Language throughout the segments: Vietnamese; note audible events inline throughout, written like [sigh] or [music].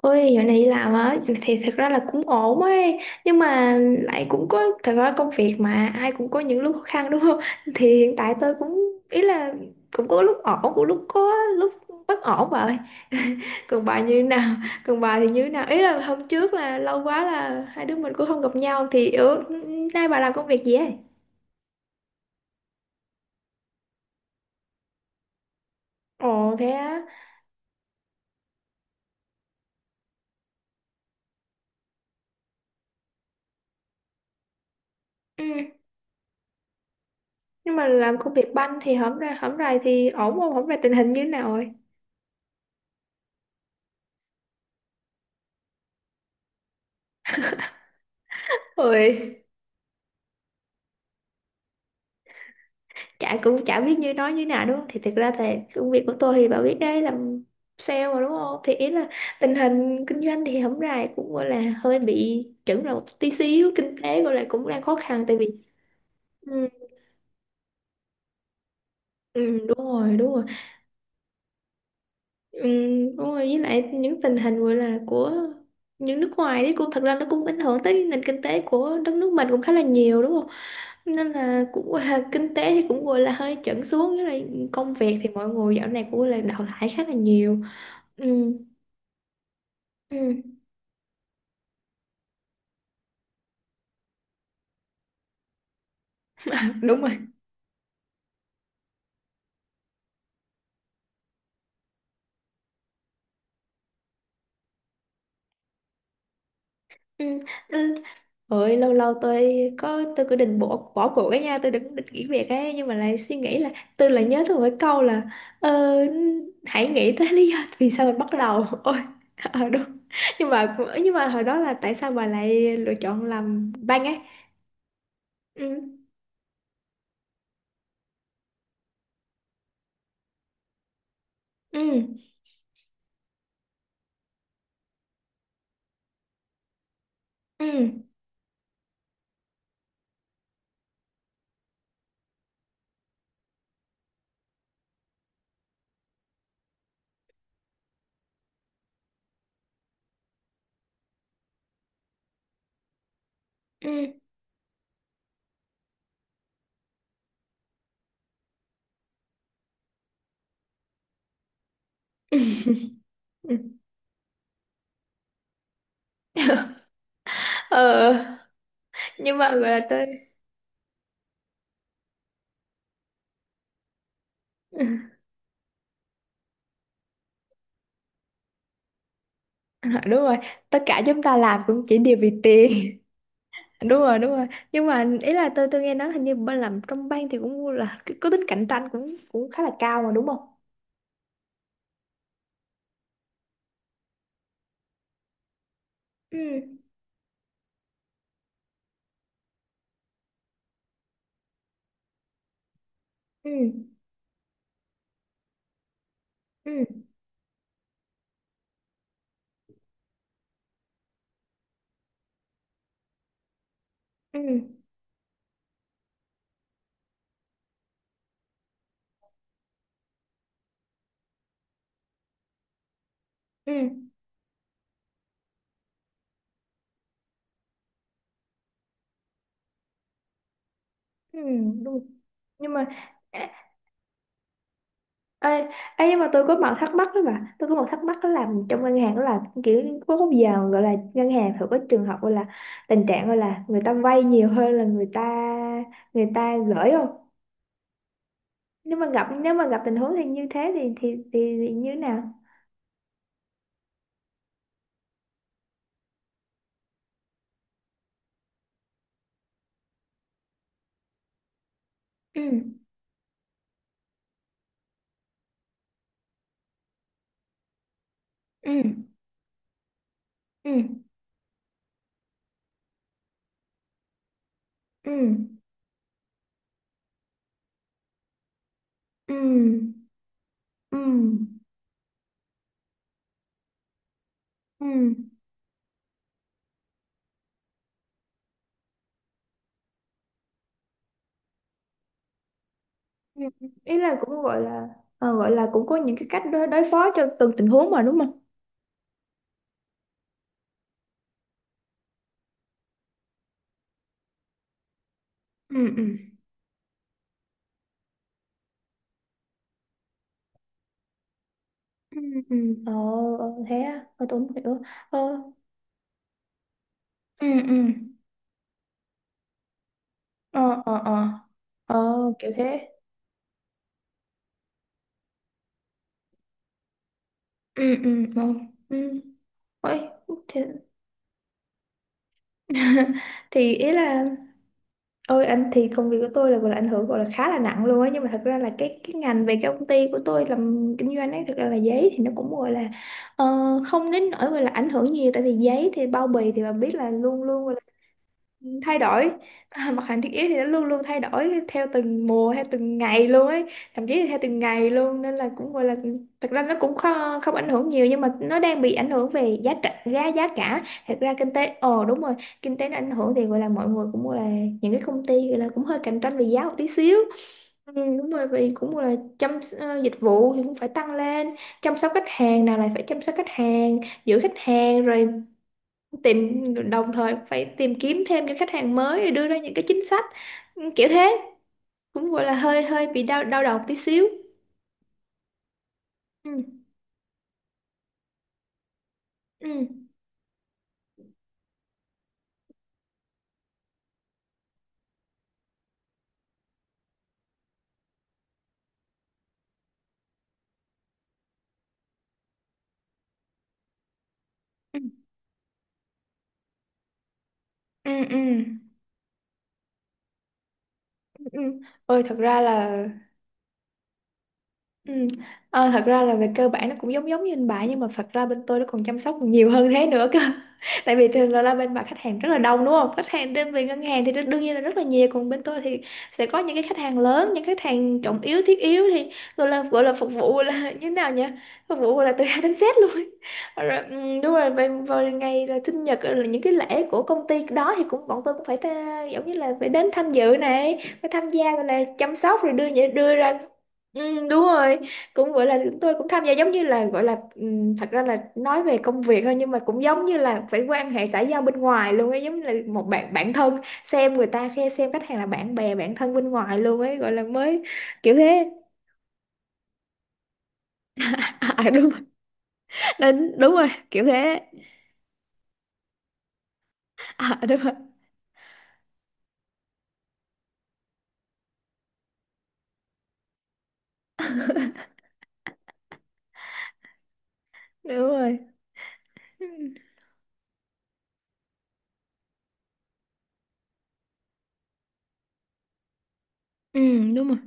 Ôi, dạo này đi làm á thì thật ra là cũng ổn ấy, nhưng mà lại cũng có thật ra công việc mà ai cũng có những lúc khó khăn đúng không? [laughs] Thì hiện tại tôi cũng ý là cũng có lúc ổn cũng lúc có lúc bất ổn vậy. Còn bà như nào? [laughs] Còn bà thì như nào, ý là hôm trước là lâu quá là hai đứa mình cũng không gặp nhau, thì ở nay bà làm công việc gì ấy? Ồ thế á. Ừ. Nhưng mà làm công việc banh thì hổng ra hổng rày thì ổn không, hổng rày tình hình như thế nào rồi? Ôi, chả cũng chả biết như nói như nào đúng không, thì thực ra thì công việc của tôi thì bà biết đấy, làm sale mà đúng không, thì ý là tình hình kinh doanh thì hổng rày cũng gọi là hơi bị chững là một tí xíu, kinh tế gọi là cũng đang khó khăn tại vì ừ, ừ, đúng rồi đúng rồi. Ừ, đúng rồi, với lại những tình hình gọi là của những nước ngoài đấy cũng thật ra nó cũng ảnh hưởng tới nền kinh tế của đất nước mình cũng khá là nhiều đúng không, nên là cũng gọi là kinh tế thì cũng gọi là hơi chững xuống, với lại công việc thì mọi người dạo này cũng gọi là đào thải khá là nhiều. Ừ ừ đúng rồi. Ừ ừ. Ôi, lâu lâu tôi có, tôi cứ định bỏ bỏ cuộc cái nha, tôi định định nghỉ việc ấy, nhưng mà lại suy nghĩ là tôi lại nhớ tôi một cái câu là ờ, hãy nghĩ tới lý do vì sao mình bắt đầu. [laughs] Ôi. Ờ đúng. Nhưng mà, nhưng mà hồi đó là tại sao bà lại lựa chọn làm banh ấy? Ừ. Ừ. Ừ. Ừ. Ừ. Ờ nhưng mà gọi là tôi [laughs] đúng rồi, tất cả chúng ta làm cũng chỉ đều vì tiền. Đúng rồi đúng rồi. Nhưng mà ý là tôi nghe nói hình như bên làm trong ban thì cũng là cái- có tính cạnh tranh cũng cũng khá là cao mà đúng không? Ừ ừ. Ừ ừ. Ừ ừ đúng. Nhưng mà ê, ê, ê, nhưng mà tôi có một thắc mắc đó, mà tôi có một thắc mắc đó là trong ngân hàng đó là kiểu có bao giờ gọi là ngân hàng thường có trường hợp gọi là tình trạng gọi là người ta vay nhiều hơn là người ta, người ta gửi không? Nếu mà gặp, nếu mà gặp tình huống thì như thế thì thì như thế nào? Ừ ừ. Ừ ừ. Ừ ừ. Ừ ừ. Ý là cũng gọi là ờ, gọi là cũng có những cái cách đối phó cho từng tình huống mà đúng không? Ừ ừ. Ừ ừ. Ờ ờ, thế à, ờ, tôi không hiểu. Ờ. Ừ ừ. Ờ ờ ờ. Ờ kiểu thế. Ừ ừ. Ờ. Ừ. Ôi, thế [laughs] thì ý là Ôi anh, thì công việc của tôi là gọi là ảnh hưởng gọi là khá là nặng luôn á, nhưng mà thật ra là cái ngành về cái công ty của tôi làm kinh doanh ấy, thật ra là giấy thì nó cũng gọi là ờ, không đến nỗi gọi là ảnh hưởng nhiều, tại vì giấy thì bao bì thì bạn biết là luôn luôn thay đổi. À, mặt hàng thiết yếu thì nó luôn luôn thay đổi theo từng mùa theo từng ngày luôn ấy, thậm chí là theo từng ngày luôn, nên là cũng gọi là thật ra nó cũng không, không ảnh hưởng nhiều, nhưng mà nó đang bị ảnh hưởng về giá cả, giá giá cả thật ra kinh tế ồ đúng rồi, kinh tế nó ảnh hưởng thì gọi là mọi người cũng gọi là những cái công ty gọi là cũng hơi cạnh tranh về giá một tí xíu. Ừ, đúng rồi, vì cũng gọi là chăm dịch vụ thì cũng phải tăng lên, chăm sóc khách hàng nào lại phải chăm sóc khách hàng, giữ khách hàng rồi tìm, đồng thời phải tìm kiếm thêm những khách hàng mới để đưa ra những cái chính sách. Ừ, kiểu thế, cũng gọi là hơi hơi bị đau đau đầu tí xíu. Ừ ừ. Ừ ừ. Ừ ừ. Ừ. Ôi thật ra là Ừ. Ờ, thật ra là về cơ bản nó cũng giống giống như bên bà, nhưng mà thật ra bên tôi nó còn chăm sóc nhiều hơn thế nữa cơ. [laughs] Tại vì thường là bên bà khách hàng rất là đông đúng không, khách hàng đến về ngân hàng thì đương đương nhiên là rất là nhiều, còn bên tôi thì sẽ có những cái khách hàng lớn, những khách hàng trọng yếu thiết yếu thì gọi là phục vụ là [laughs] như thế nào nhỉ, phục vụ là từ [laughs] A đến Z luôn. Rồi, ừ, đúng rồi, về, về ngày là sinh nhật ờ, là những cái lễ của công ty đó thì cũng bọn tôi cũng phải ta, giống như là phải đến tham dự này, phải tham gia, rồi là chăm sóc, rồi đưa đưa ra Ừ, đúng rồi, cũng gọi là tôi cũng tham gia giống như là gọi là thật ra là nói về công việc thôi, nhưng mà cũng giống như là phải quan hệ xã giao bên ngoài luôn ấy, giống như là một bạn bạn thân, xem người ta khe xem khách hàng là bạn bè bạn thân bên ngoài luôn ấy, gọi là mới kiểu thế. [laughs] À, đúng rồi. Nên- đúng rồi kiểu thế. À, đúng rồi đúng rồi. Ừ, đúng rồi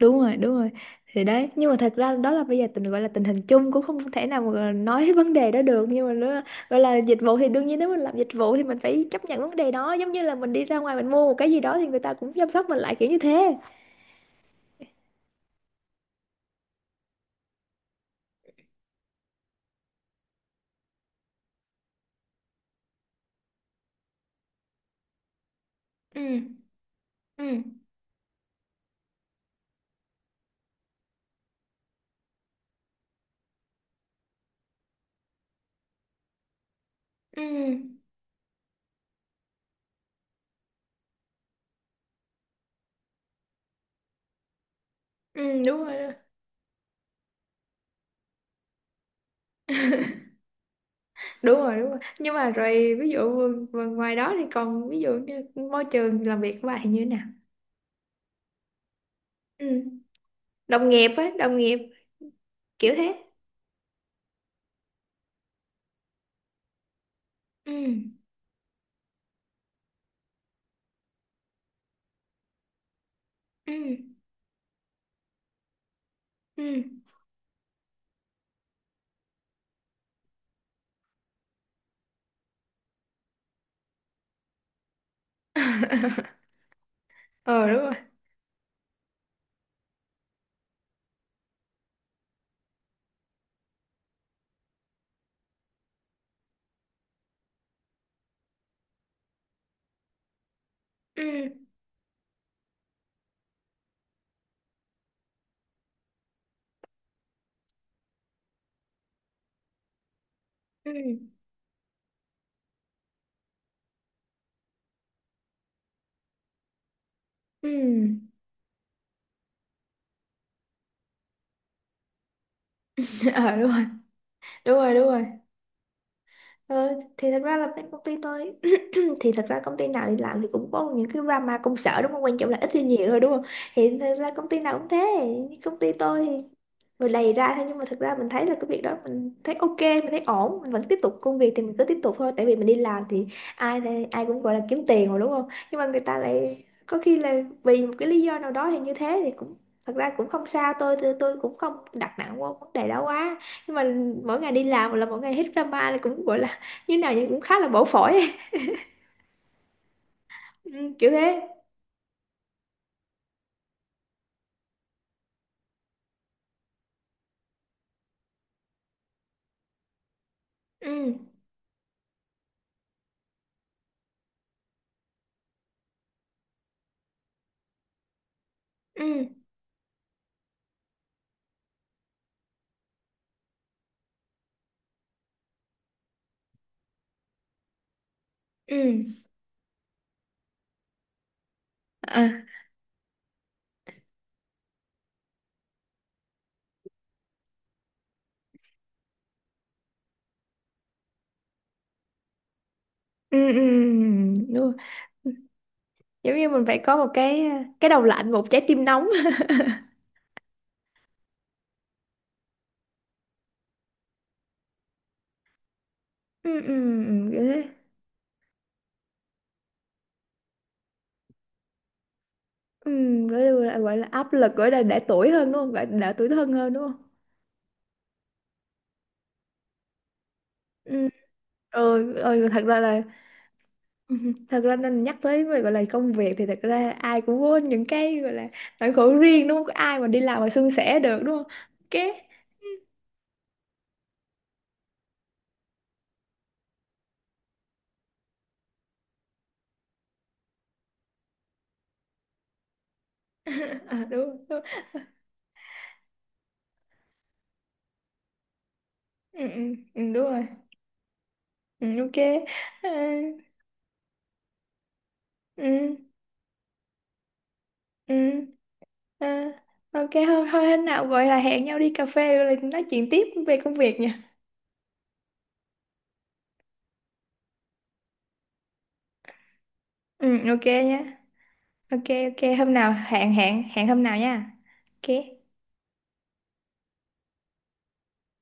đúng rồi đúng rồi. Thì đấy, nhưng mà thật ra đó là bây giờ tình gọi là tình hình chung cũng không thể nào mà nói [laughs] vấn đề đó được, nhưng mà nó gọi là dịch vụ thì đương nhiên, nếu mình làm dịch vụ thì mình phải chấp nhận vấn đề đó, giống như là mình đi ra ngoài mình mua một cái gì đó thì người ta cũng chăm sóc mình lại kiểu như thế. Ừ ừ. Ừ ừ đúng rồi đúng rồi đúng rồi. Nhưng mà rồi ví dụ ngoài đó thì còn ví dụ như môi trường làm việc của bạn thì như thế nào? Ừ, đồng nghiệp á, đồng nghiệp kiểu thế. Ừ ừ. Ừ [laughs] ờ đúng rồi. Ừ ừ. Ừ [laughs] ờ đúng rồi đúng rồi đúng rồi. Ờ, thì thật ra là bên công ty tôi [clears throat] thì thật ra công ty nào đi làm thì cũng có những cái drama công sở đúng không, quan trọng là ít hay nhiều thôi đúng không, thì thật ra công ty nào cũng thế. Như công ty tôi thì rồi lầy ra thôi, nhưng mà thật ra mình thấy là cái việc đó mình thấy ok, mình thấy ổn, mình vẫn tiếp tục công việc thì mình cứ tiếp tục thôi, tại vì mình đi làm thì- ai cũng gọi là kiếm tiền rồi đúng không, nhưng mà người ta lại có khi là vì một cái lý do nào đó thì như thế, thì cũng thật ra cũng không sao, tôi cũng không đặt nặng vô vấn đề đó quá. Nhưng mà mỗi ngày đi làm là mỗi ngày hết drama là cũng gọi là như nào vậy, cũng khá là bổ phổi. Ừ, kiểu thế. Ừ ừ. Ừ à ừ, ừ, ừ, đúng rồi. Giống như mình phải có một cái đầu lạnh một trái tim nóng. [laughs] Ừ ừ. Ừ, kiểu thế. Ừ gọi là áp lực gọi là đã tuổi hơn đúng không, gọi là đã tuổi thân hơn đúng không. Ừ ừ, ừ thật ra là [laughs] thật ra nên nhắc tới về gọi là công việc thì thật ra ai cũng có những cái gọi là nỗi khổ riêng đúng không, có ai mà đi làm mà suôn sẻ được đúng không. Ok. [laughs] À, đúng, đúng. Ừ, ừ, ừ, đúng rồi. Ừ, ok. À, ừ ừ ờ, ok thôi thôi, hôm nào gọi là hẹn nhau đi cà phê rồi lại nói chuyện tiếp về công việc nha. Ừ ok nhá. Ok. Ok, hôm nào hẹn hẹn hẹn hôm nào nha. Ok.